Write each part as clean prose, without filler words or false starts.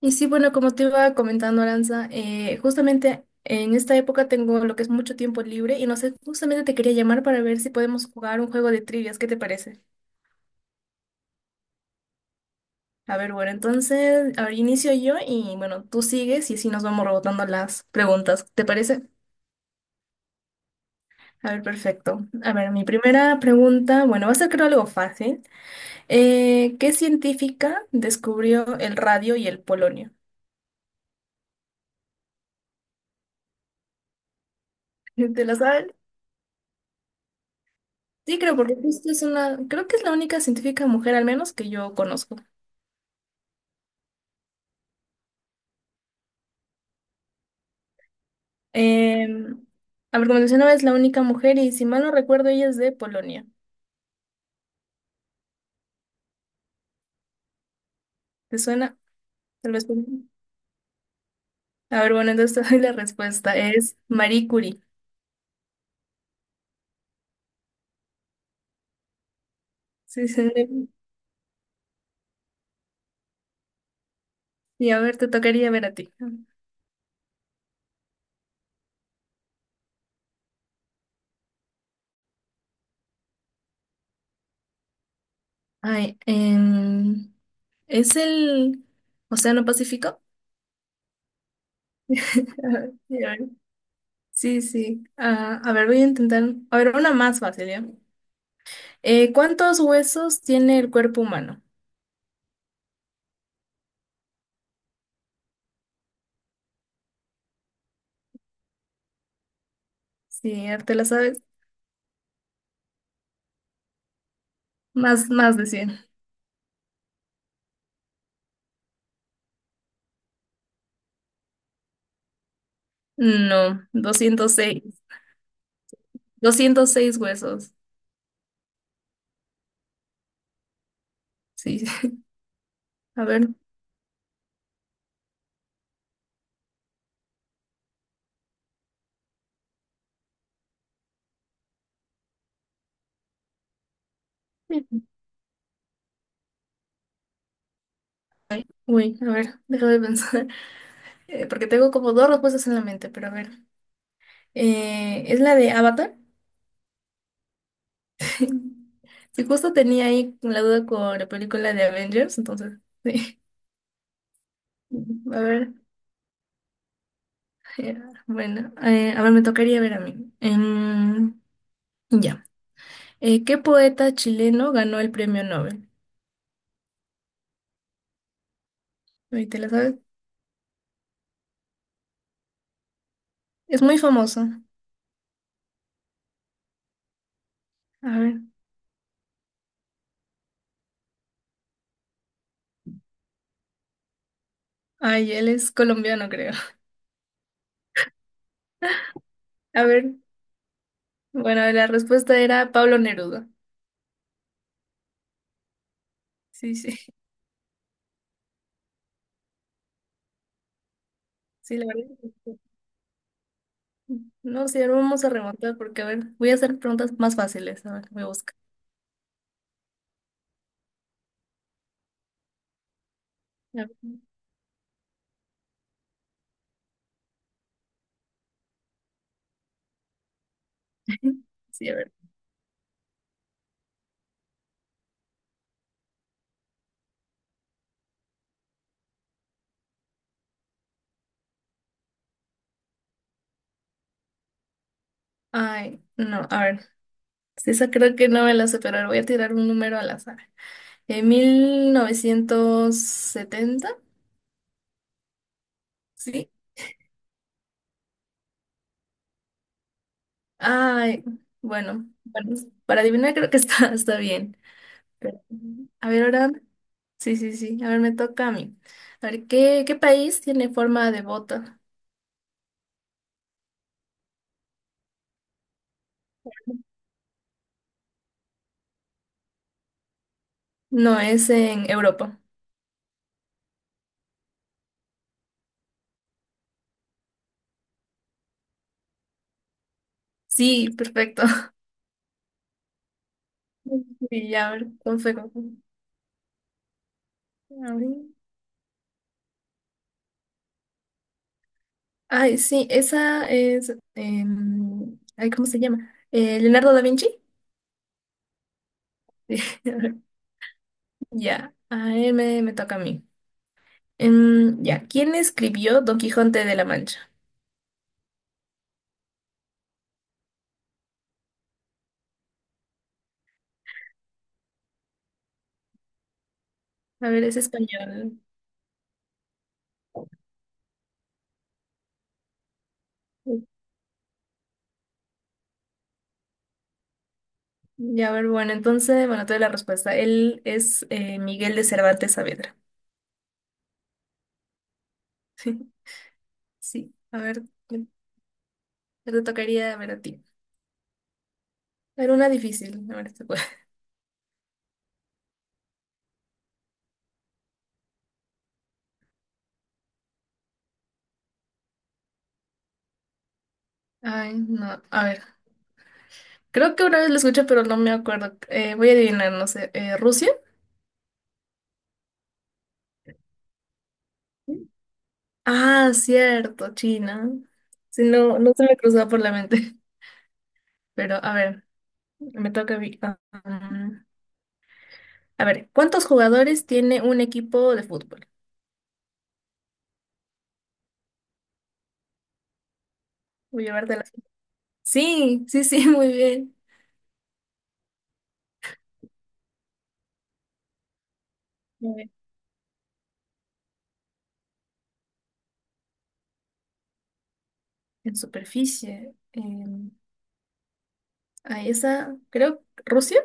Y sí, bueno, como te iba comentando, Aranza, justamente en esta época tengo lo que es mucho tiempo libre y no sé, justamente te quería llamar para ver si podemos jugar un juego de trivias, ¿qué te parece? A ver, bueno, entonces, a ver, inicio yo y bueno, tú sigues y así nos vamos rebotando las preguntas, ¿te parece? A ver, perfecto. A ver, mi primera pregunta, bueno, va a ser creo algo fácil. ¿Qué científica descubrió el radio y el polonio? ¿Te la sabes? Sí, creo, porque justo es una, creo que es la única científica mujer, al menos que yo conozco. Eh, a ver, como mencionaba, es la única mujer y si mal no recuerdo, ella es de Polonia. ¿Te suena? Tal vez. A ver, bueno, entonces te doy la respuesta. Es Marie Curie. Sí, sí. Sí. Y a ver, te tocaría ver a ti. Ay, ¿es el Océano Pacífico? Ajá, sí, a ver. Sí. Sí. Ah, a ver, voy a intentar. A ver, una más fácil, ¿ya? ¿Cuántos huesos tiene el cuerpo humano? Sí, te la sabes. Más, más de cien. No, doscientos seis huesos. Sí. A ver. Uy, a ver, déjame pensar. Porque tengo como dos respuestas en la mente, pero a ver. ¿Es la de Avatar? Si justo tenía ahí la duda con la película de Avengers, entonces, sí. A ver, eh, bueno, a ver, me tocaría ver a mí. Ya. ¿Qué poeta chileno ganó el premio Nobel? Ahí ¿te la sabes? Es muy famoso. A ver. Ay, él es colombiano, creo. A ver, bueno, la respuesta era Pablo Neruda. Sí, sí, sí, la verdad. Es que sí. No, sí, ahora vamos a remontar porque, a ver, voy a hacer preguntas más fáciles. A ver, voy a buscar. A ver. Sí, a ver. Ay, no, a ver. Sí, esa creo que no me la sé, pero a ver, voy a tirar un número al azar. ¿En 1970? Sí. Ay, bueno, bueno, para adivinar creo que está, está bien. Pero, a ver, ahora. Sí, sí, sí. A ver, me toca a mí. A ver, ¿qué, qué país tiene forma de bota? No, es en Europa. Sí, perfecto. Y ya, a ver, con fe. A ver. Ay, sí, esa es. Ay, ¿cómo se llama? Leonardo da Vinci. Ya, a ver, me toca a mí. Ya, ¿quién escribió Don Quijote de la Mancha? A ver, es español. Ya, a ver, bueno, entonces, bueno, te doy la respuesta. Él es Miguel de Cervantes Saavedra. Sí, a ver, me- me te tocaría ver a ti. A ver, una difícil, a ver si puedo. Ay, no, a ver. Creo que una vez lo escuché, pero no me acuerdo. Voy a adivinar, no sé. ¿Rusia? Ah, cierto, China. Sí, no, no se me cruzaba por la mente. Pero, a ver, me toca a mí. Mm. A ver, ¿cuántos jugadores tiene un equipo de fútbol? Voy a llevarte la... Sí, sí, sí, muy bien. Muy bien. En superficie. Ahí está, creo, ¿Rusia?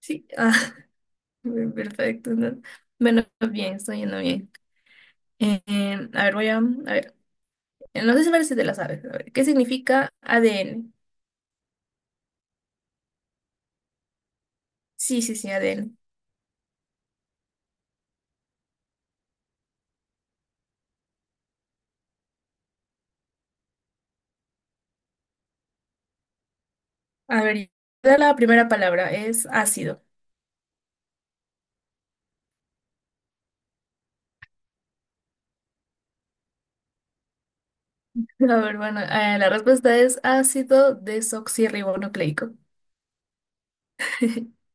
Sí. Ah. Bien, perfecto. ¿No? Bueno, bien, estoy yendo bien. A ver, a ver. No sé si parece de las aves. A ver, ¿qué significa ADN? Sí, sí, sí, ADN. A ver, ya la primera palabra es ácido. A ver, bueno, la respuesta es ácido desoxirribonucleico.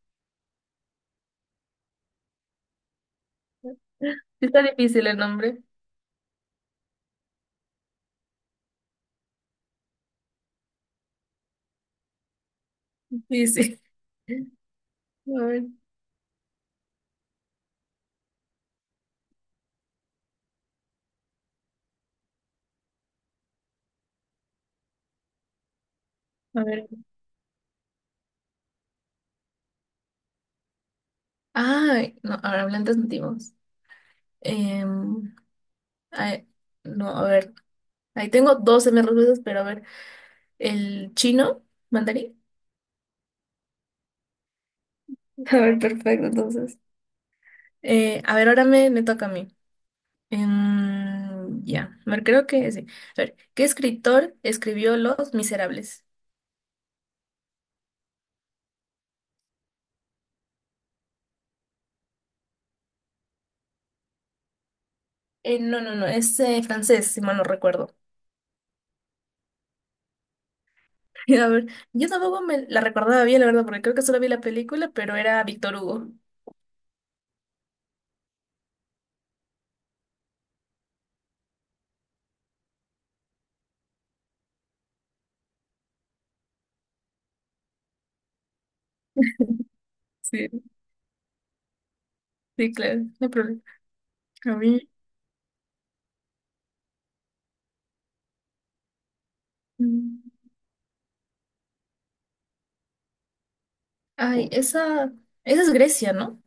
Sí, está difícil el nombre. Sí, sí. A ver, a ver. Ay, no, ahora hablantes nativos. Em, ay, no, a ver. Ahí tengo 12 respuestas, pero a ver. El chino, mandarín. A ver, perfecto, entonces. A ver, ahora me toca a mí. Ya, me creo que sí. A ver, ¿qué escritor escribió Los Miserables? No, no, no, es francés, si mal no recuerdo. A ver, yo tampoco me la recordaba bien, la verdad, porque creo que solo vi la película, pero era Víctor Hugo. Sí, sí, claro, no hay problema. A mí. mm, Ay, esa es Grecia, ¿no?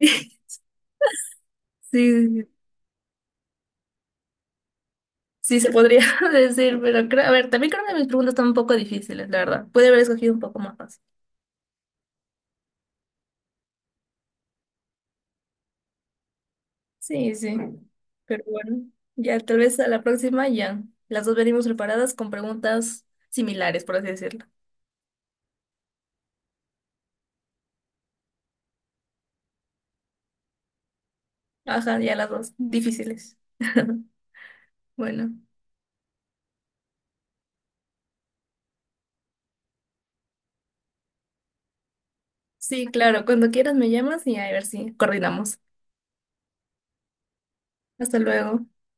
Sí, sí, sí, se podría decir, pero creo, a ver, también creo que mis preguntas están un poco difíciles, la verdad. Puede haber escogido un poco más fácil. Sí, sí. Pero bueno, ya tal vez a la próxima ya. Las dos venimos preparadas con preguntas similares, por así decirlo. Ajá, ya las dos difíciles. Bueno, sí, claro, cuando quieras me llamas y a ver si coordinamos. Hasta luego.